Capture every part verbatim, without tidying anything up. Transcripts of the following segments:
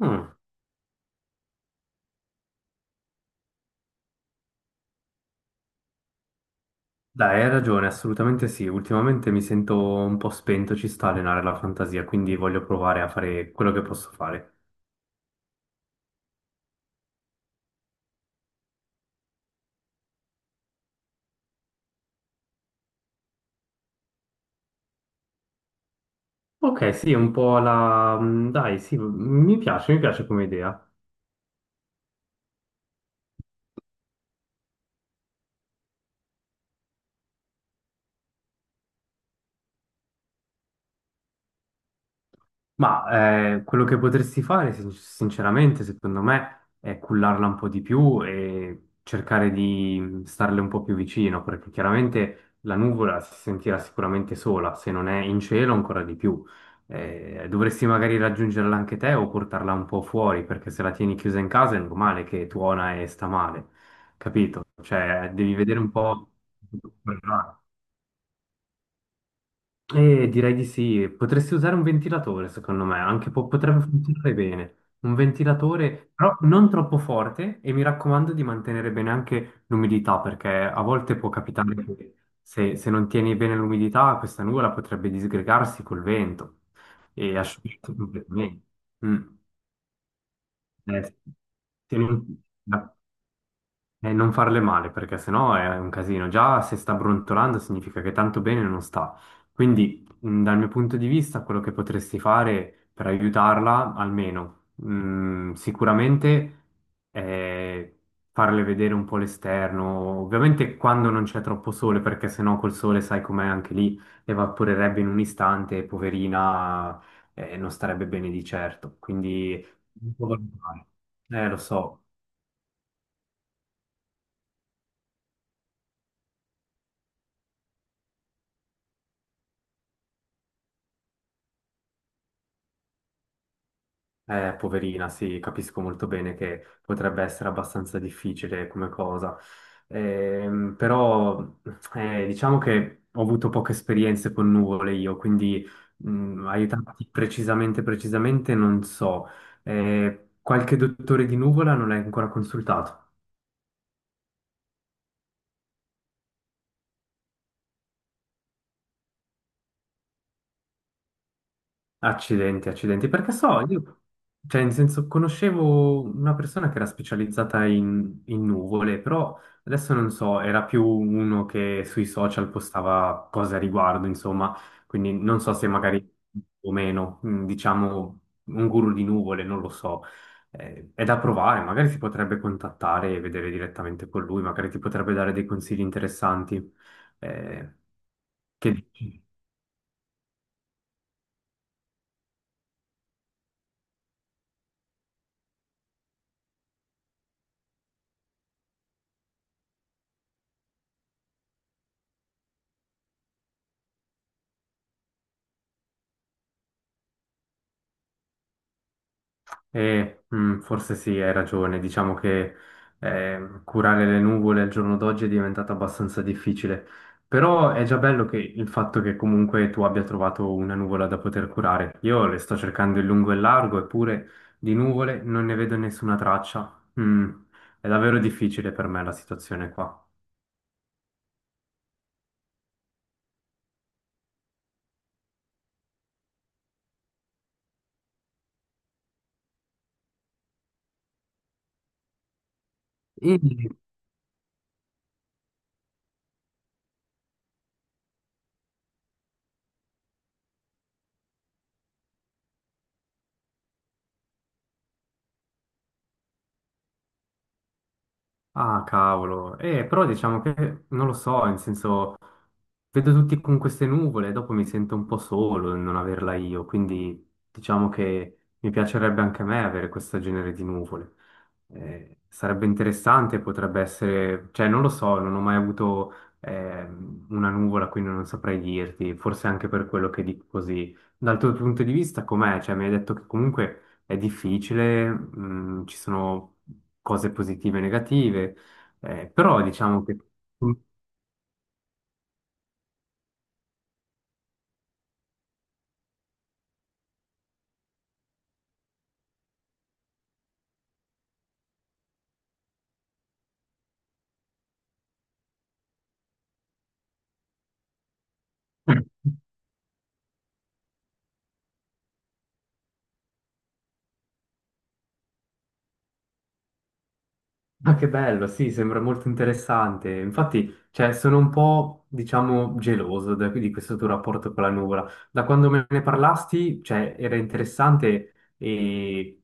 Mm. Dai, hai ragione, assolutamente sì. Ultimamente mi sento un po' spento, ci sta a allenare la fantasia, quindi voglio provare a fare quello che posso fare. Ok, sì, un po' la... mm, dai, sì, mi piace, mi piace come idea. Ma eh, quello che potresti fare, sin- sinceramente, secondo me, è cullarla un po' di più e cercare di starle un po' più vicino, perché chiaramente la nuvola si sentirà sicuramente sola, se non è in cielo ancora di più. Eh, dovresti magari raggiungerla anche te o portarla un po' fuori, perché se la tieni chiusa in casa è normale che tuona e sta male, capito? Cioè, devi vedere un po'. Eh, direi di sì, potresti usare un ventilatore, secondo me, anche po- potrebbe funzionare bene. Un ventilatore, però non troppo forte e mi raccomando di mantenere bene anche l'umidità, perché a volte può capitare che se, se non tieni bene l'umidità, questa nuvola potrebbe disgregarsi col vento e asciugarsi completamente. Mm. Eh, sì. Tieni- e non farle male, perché sennò è un casino. Già se sta brontolando significa che tanto bene non sta. Quindi, mh, dal mio punto di vista, quello che potresti fare per aiutarla, almeno, mh, sicuramente è farle vedere un po' l'esterno. Ovviamente quando non c'è troppo sole, perché sennò col sole, sai com'è, anche lì evaporerebbe in un istante, e poverina, eh, non starebbe bene di certo. Quindi, un po' valutare. Eh, lo so. Eh, poverina, sì, capisco molto bene che potrebbe essere abbastanza difficile come cosa, Ehm, però eh, diciamo che ho avuto poche esperienze con nuvole io, quindi mh, aiutarti precisamente, precisamente non so. Eh, qualche dottore di nuvola non l'hai ancora consultato? Accidenti, accidenti, perché so, io, cioè, in senso, conoscevo una persona che era specializzata in, in nuvole, però adesso non so, era più uno che sui social postava cose a riguardo, insomma, quindi non so se magari o meno, mm, diciamo, un guru di nuvole, non lo so. Eh, è da provare, magari si potrebbe contattare e vedere direttamente con lui, magari ti potrebbe dare dei consigli interessanti. Eh, che dici? Eh, mm, forse sì, hai ragione. Diciamo che eh, curare le nuvole al giorno d'oggi è diventato abbastanza difficile. Però è già bello che il fatto che comunque tu abbia trovato una nuvola da poter curare. Io le sto cercando in lungo e in largo, eppure di nuvole non ne vedo nessuna traccia. Mm, è davvero difficile per me la situazione qua. Mm. Ah, cavolo. Eh, però diciamo che non lo so, nel senso, vedo tutti con queste nuvole e dopo mi sento un po' solo nel non averla io, quindi diciamo che mi piacerebbe anche a me avere questo genere di nuvole. Eh, sarebbe interessante, potrebbe essere, cioè non lo so, non ho mai avuto ehm, una nuvola, quindi non saprei dirti, forse anche per quello che dico così. Dal tuo punto di vista com'è? Cioè mi hai detto che comunque è difficile, mh, ci sono cose positive e negative, eh, però diciamo che. Ma che bello, sì, sembra molto interessante. Infatti, cioè, sono un po', diciamo, geloso da- di questo tuo rapporto con la nuvola. Da quando me ne parlasti, cioè, era interessante e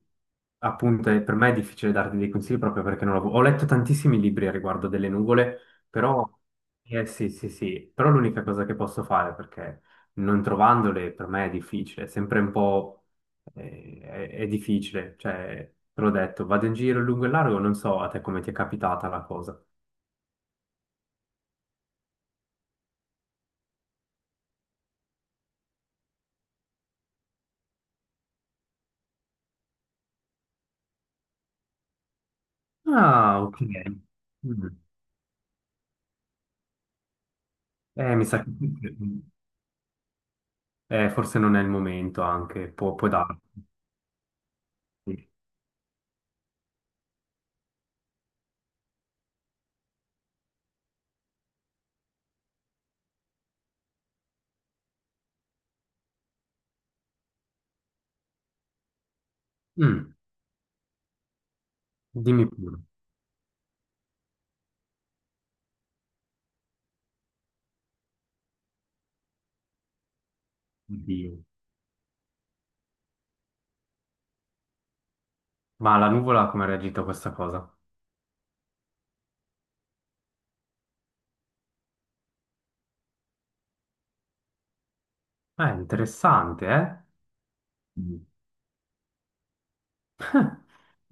appunto eh, per me è difficile darti dei consigli proprio perché non l'avevo- Ho letto tantissimi libri a riguardo delle nuvole, però, eh, sì, sì, sì, però l'unica cosa che posso fare perché non trovandole per me è difficile, è sempre un po'. Eh, È, è difficile, cioè, te l'ho detto, vado in giro lungo e largo, non so a te come ti è capitata la cosa. Ah, ok. Mm. Eh, mi sa che eh, forse non è il momento anche, può, può darsi. Sì. Mm, Dimmi pure. Oddio. Ma la nuvola come ha reagito a questa cosa? Eh, interessante, eh? Mm.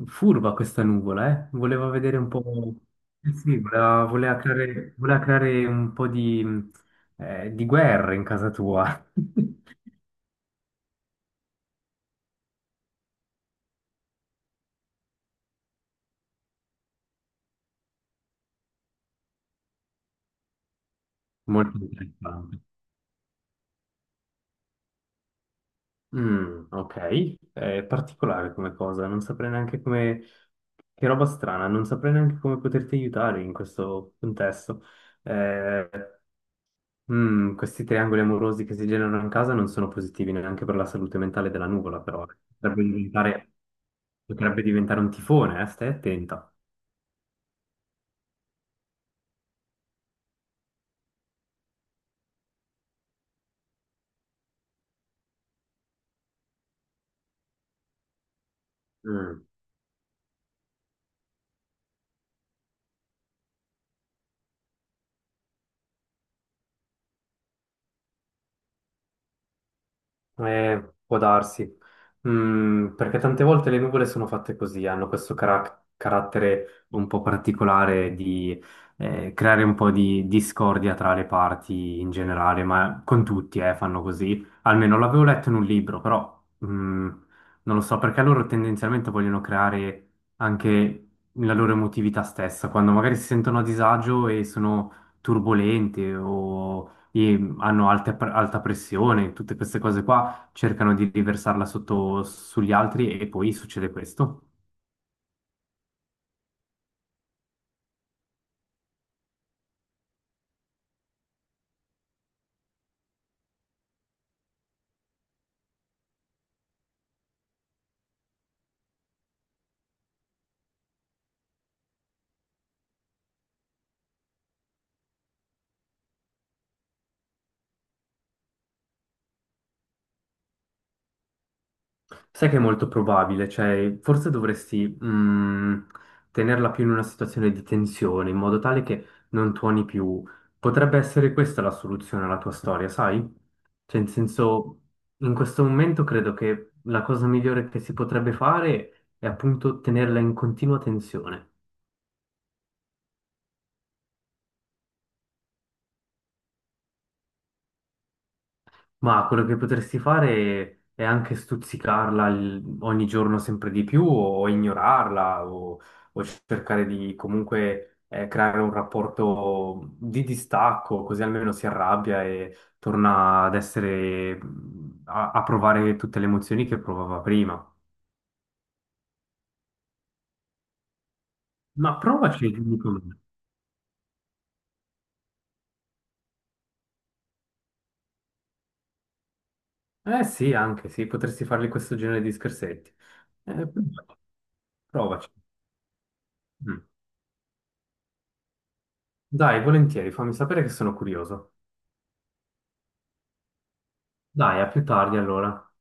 Furba questa nuvola, eh? Voleva vedere un po'. Eh sì, voleva, voleva creare, voleva creare un po' di, eh, di guerra in casa tua. Molto interessante. Mm, ok, è particolare come cosa, non saprei neanche come. Che roba strana, non saprei neanche come poterti aiutare in questo contesto. Eh, Mm, questi triangoli amorosi che si generano in casa non sono positivi neanche per la salute mentale della nuvola, però potrebbe diventare, potrebbe diventare un tifone, eh? Stai attenta. Mm. Eh, può darsi, Mm, perché tante volte le nuvole sono fatte così, hanno questo cara- carattere un po' particolare di eh, creare un po' di discordia tra le parti in generale, ma con tutti eh, fanno così. Almeno l'avevo letto in un libro, però mm, non lo so, perché loro tendenzialmente vogliono creare anche la loro emotività stessa, quando magari si sentono a disagio e sono turbolenti o e hanno alte- alta pressione, tutte queste cose qua cercano di riversarla sotto sugli altri e poi succede questo. Sai che è molto probabile, cioè forse dovresti mh, tenerla più in una situazione di tensione, in modo tale che non tuoni più. Potrebbe essere questa la soluzione alla tua storia, sai? Cioè, in senso, in questo momento credo che la cosa migliore che si potrebbe fare è appunto tenerla in continua tensione. Ma quello che potresti fare è anche stuzzicarla il- ogni giorno sempre di più o ignorarla o, o, cercare di comunque eh, creare un rapporto di distacco, così almeno si arrabbia e torna ad essere a, a provare tutte le emozioni che provava prima. Ma provaci, e dimmi com'è. Eh sì, anche sì, potresti fargli questo genere di scherzetti. Eh, provaci. Provaci. Mm. Dai, volentieri, fammi sapere che sono curioso. Dai, a più tardi allora.